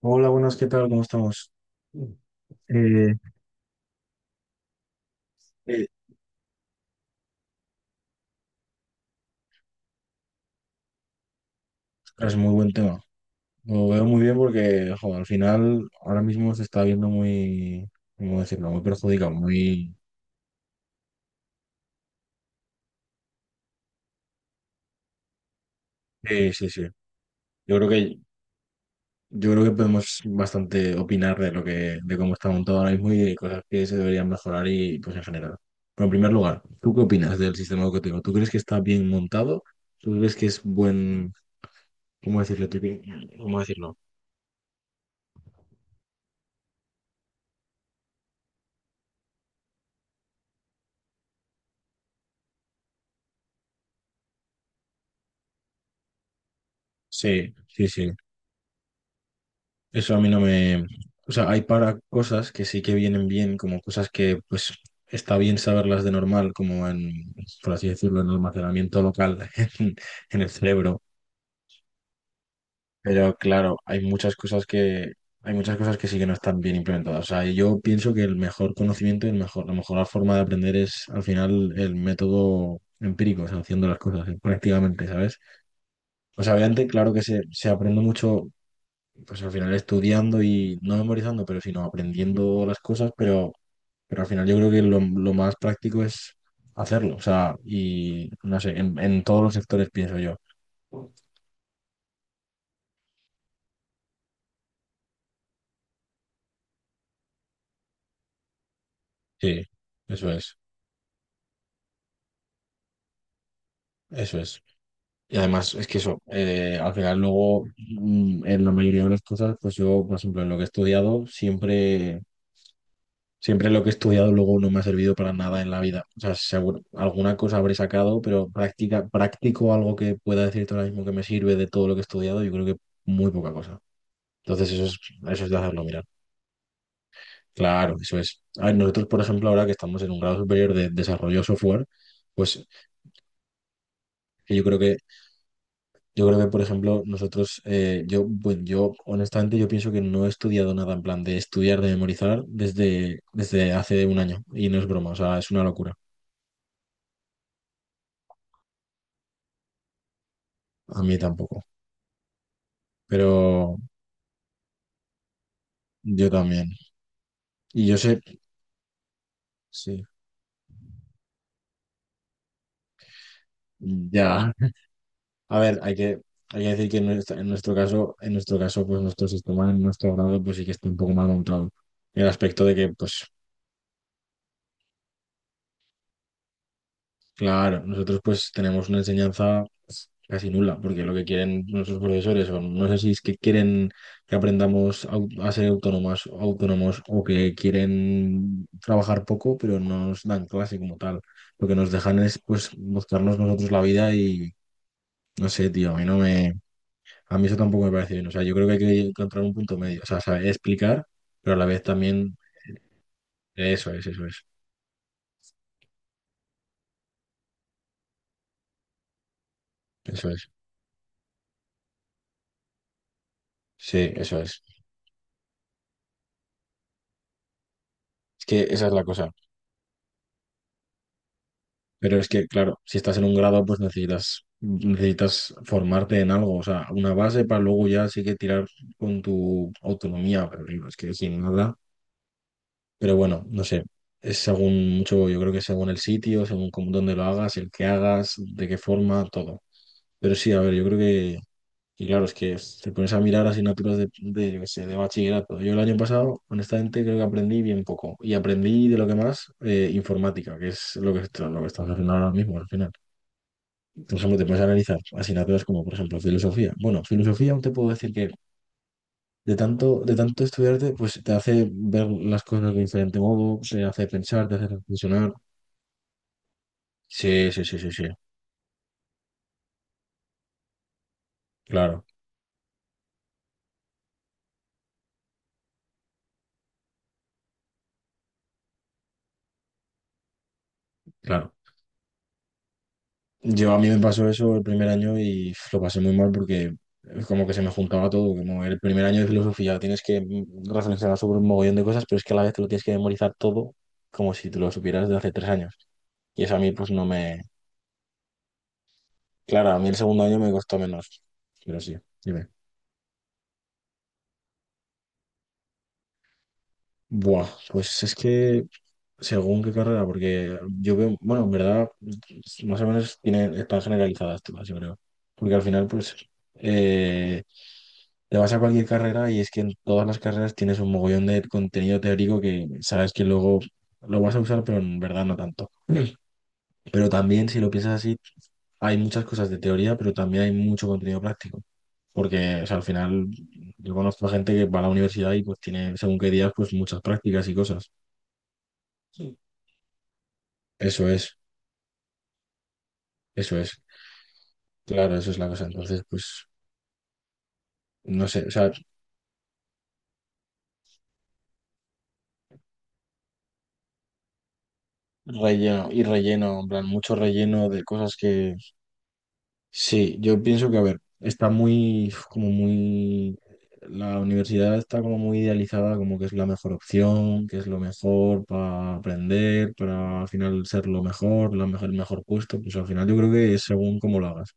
Hola, buenas, ¿qué tal? ¿Cómo estamos? Mm. Eh, Eh, Ostras, muy buen tema. Lo veo muy bien porque, jo, al final, ahora mismo se está viendo muy, ¿cómo decirlo? Muy perjudicado, muy. Sí, sí, sí. Yo creo que, yo creo que podemos bastante opinar de lo que, de cómo está montado ahora mismo y de cosas que se deberían mejorar y, pues, en general. Pero en primer lugar, ¿tú qué opinas del sistema educativo? ¿Tú crees que está bien montado? ¿Tú crees que es buen, ¿cómo decirlo? ¿Cómo decirlo? Sí, sí, sí. Eso a mí no me. O sea, hay para cosas que sí que vienen bien, como cosas que pues está bien saberlas de normal, como en, por así decirlo, en almacenamiento local en, en el cerebro. Pero claro, hay muchas cosas que sí que no están bien implementadas. O sea, y yo pienso que el mejor conocimiento y el mejor, la mejor forma de aprender es al final el método empírico, o sea, haciendo las cosas prácticamente, ¿sabes? O sea, obviamente, claro que se aprende mucho pues al final estudiando y no memorizando, pero sino aprendiendo las cosas, pero al final yo creo que lo más práctico es hacerlo, o sea, y no sé, en todos los sectores pienso yo. Sí, eso es, eso es. Y además es que eso, al final luego en la mayoría de las cosas, pues yo, por ejemplo, en lo que he estudiado, Siempre lo que he estudiado luego no me ha servido para nada en la vida. O sea, seguro, alguna cosa habré sacado, pero práctica, práctico algo que pueda decirte ahora mismo que me sirve de todo lo que he estudiado, yo creo que muy poca cosa. Entonces eso es de hacerlo mirar. Claro, eso es. A ver, nosotros, por ejemplo, ahora que estamos en un grado superior de desarrollo software, pues que yo creo que, por ejemplo, nosotros, yo, bueno, yo honestamente yo pienso que no he estudiado nada en plan de estudiar, de memorizar desde hace un año. Y no es broma, o sea, es una locura. A mí tampoco. Pero yo también. Y yo sé, sí, ya. A ver, hay que decir que en nuestra- en nuestro caso, pues nuestro sistema, en nuestro grado, pues sí que está un poco mal montado. En el aspecto de que, pues, claro, nosotros pues tenemos una enseñanza pues, casi nula, porque lo que quieren nuestros profesores, o no sé si es que quieren que aprendamos a ser autónomas, autónomos, o que quieren trabajar poco, pero no nos dan clase como tal. Lo que nos dejan es, pues, buscarnos nosotros la vida y no sé, tío, a mí no me, a mí eso tampoco me parece bien. O sea, yo creo que hay que encontrar un punto medio. O sea, saber explicar, pero a la vez también, eso es, eso es, eso es. Sí, eso es. Es que esa es la cosa. Pero es que, claro, si estás en un grado, pues necesitas formarte en algo. O sea, una base para luego ya sí que tirar con tu autonomía. Pero digo, es que sin nada. Pero bueno, no sé. Es según mucho, yo creo que según el sitio, según cómo, dónde lo hagas, el que hagas, de qué forma, todo. Pero sí, a ver, yo creo que. Y claro, es que te pones a mirar asignaturas de, yo qué sé, de bachillerato. Yo el año pasado, honestamente, creo que aprendí bien poco. Y aprendí de lo que más, informática, que es lo que estamos haciendo ahora mismo, al final. Por ejemplo, te puedes analizar asignaturas como, por ejemplo, filosofía. Bueno, filosofía aún te puedo decir que de tanto estudiarte, pues te hace ver las cosas de diferente modo, te hace pensar, te hace reflexionar. Sí, sí, sí, sí, sí. Claro, claro. Yo a mí me pasó eso el primer año y uf, lo pasé muy mal porque como que se me juntaba todo, como el primer año de filosofía tienes que reflexionar sobre un mogollón de cosas, pero es que a la vez te lo tienes que memorizar todo como si te lo supieras de hace 3 años. Y eso a mí pues no me. Claro, a mí el segundo año me costó menos, pero sí, dime. Buah, pues es que según qué carrera, porque yo veo, bueno, en verdad, más o menos tienen, están generalizadas todas, yo creo. Porque al final, pues, eh, te vas a cualquier carrera y es que en todas las carreras tienes un mogollón de contenido teórico que sabes que luego lo vas a usar, pero en verdad no tanto. Pero también, si lo piensas así, hay muchas cosas de teoría, pero también hay mucho contenido práctico. Porque, o sea, al final, yo conozco a gente que va a la universidad y pues tiene, según qué días, pues muchas prácticas y cosas. Sí. Eso es, eso es. Claro, eso es la cosa. Entonces, pues, no sé, o sea, relleno y relleno, en plan, mucho relleno de cosas que sí, yo pienso que, a ver, está muy, como muy, la universidad está como muy idealizada, como que es la mejor opción, que es lo mejor para aprender, para al final ser lo mejor, la mejor, el mejor puesto, pues al final yo creo que es según cómo lo hagas.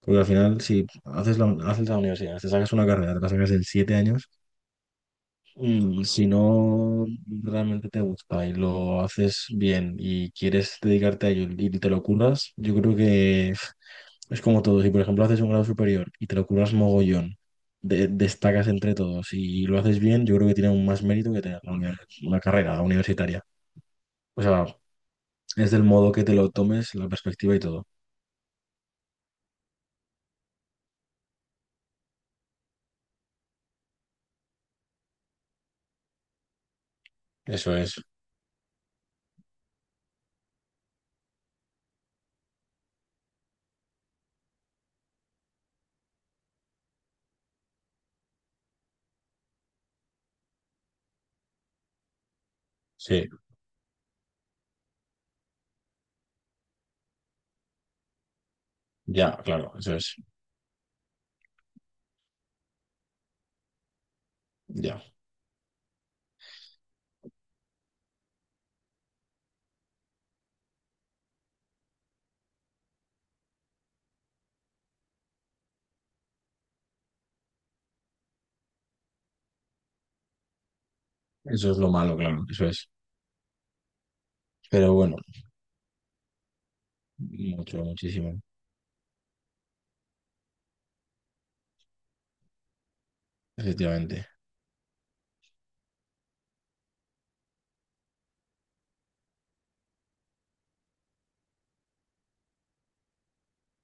Porque al final, si haces la universidad, te sacas una carrera, te la sacas en 7 años. Y si no realmente te gusta y lo haces bien y quieres dedicarte a ello y te lo curras, yo creo que pf, es como todo. Si por ejemplo haces un grado superior y te lo curras mogollón, destacas entre todos y lo haces bien, yo creo que tiene aún más mérito que tener una carrera universitaria. O sea, es del modo que te lo tomes, la perspectiva y todo. Eso es, sí, ya, claro, eso es, ya. Eso es lo malo, claro, eso es. Pero bueno, mucho, muchísimo, efectivamente.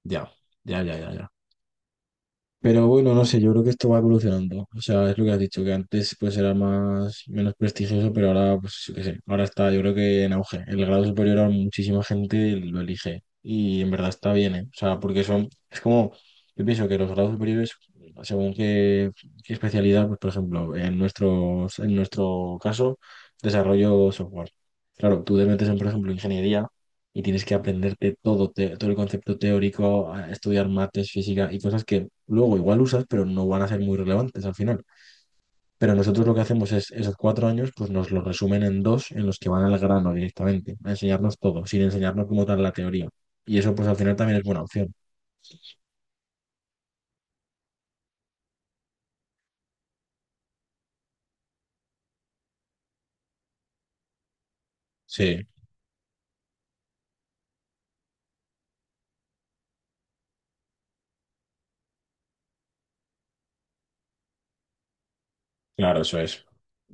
Ya, ya, ya, ya, ya. Pero bueno, no sé, yo creo que esto va evolucionando. O sea, es lo que has dicho, que antes pues era más, menos prestigioso, pero ahora, pues yo qué sé, ahora está, yo creo que en auge. El grado superior a muchísima gente lo elige. Y en verdad está bien, ¿eh? O sea, porque son, es como, yo pienso que los grados superiores, según qué, qué especialidad, pues por ejemplo, en nuestro caso, desarrollo software. Claro, tú te metes en, por ejemplo, ingeniería y tienes que aprenderte todo, todo el concepto teórico, a estudiar mates, física y cosas que luego igual usas, pero no van a ser muy relevantes al final. Pero nosotros lo que hacemos es esos 4 años, pues nos los resumen en dos en los que van al grano directamente, a enseñarnos todo, sin enseñarnos como tal la teoría. Y eso pues al final también es buena opción. Sí, claro, eso es,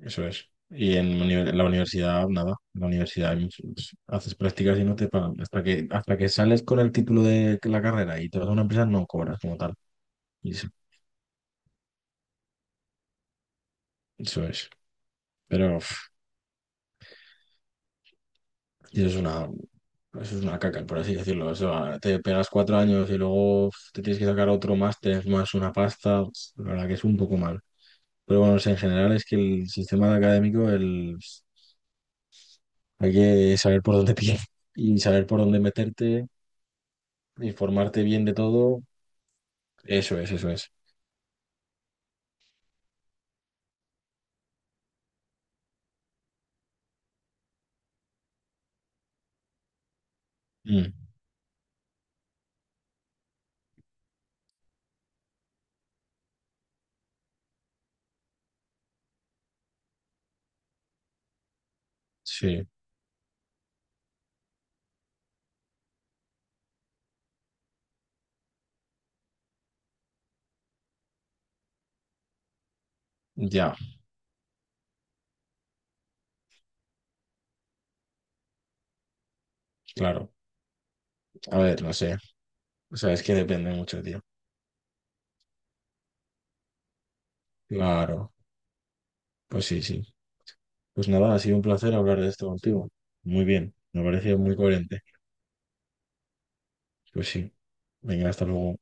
eso es. Y en la universidad, nada, en la universidad hay pues, haces prácticas y no te pagan. Hasta que sales con el título de la carrera y te vas a una empresa, no cobras como tal. Y eso es. Pero Y eso es una caca, por así decirlo. O sea, te pegas 4 años y luego uf, te tienes que sacar otro máster más una pasta. La verdad que es un poco mal. Pero bueno, o sea, en general es que el sistema académico el, hay que saber por dónde pillar y saber por dónde meterte, informarte bien de todo. Eso es, eso es. Mm, sí, ya, claro. A ver, no sé. O sea, es que depende mucho, tío. Claro. Pues sí, sí. Pues nada, ha sido un placer hablar de esto contigo. Muy bien, me ha parecido muy coherente. Pues sí. Venga, hasta luego.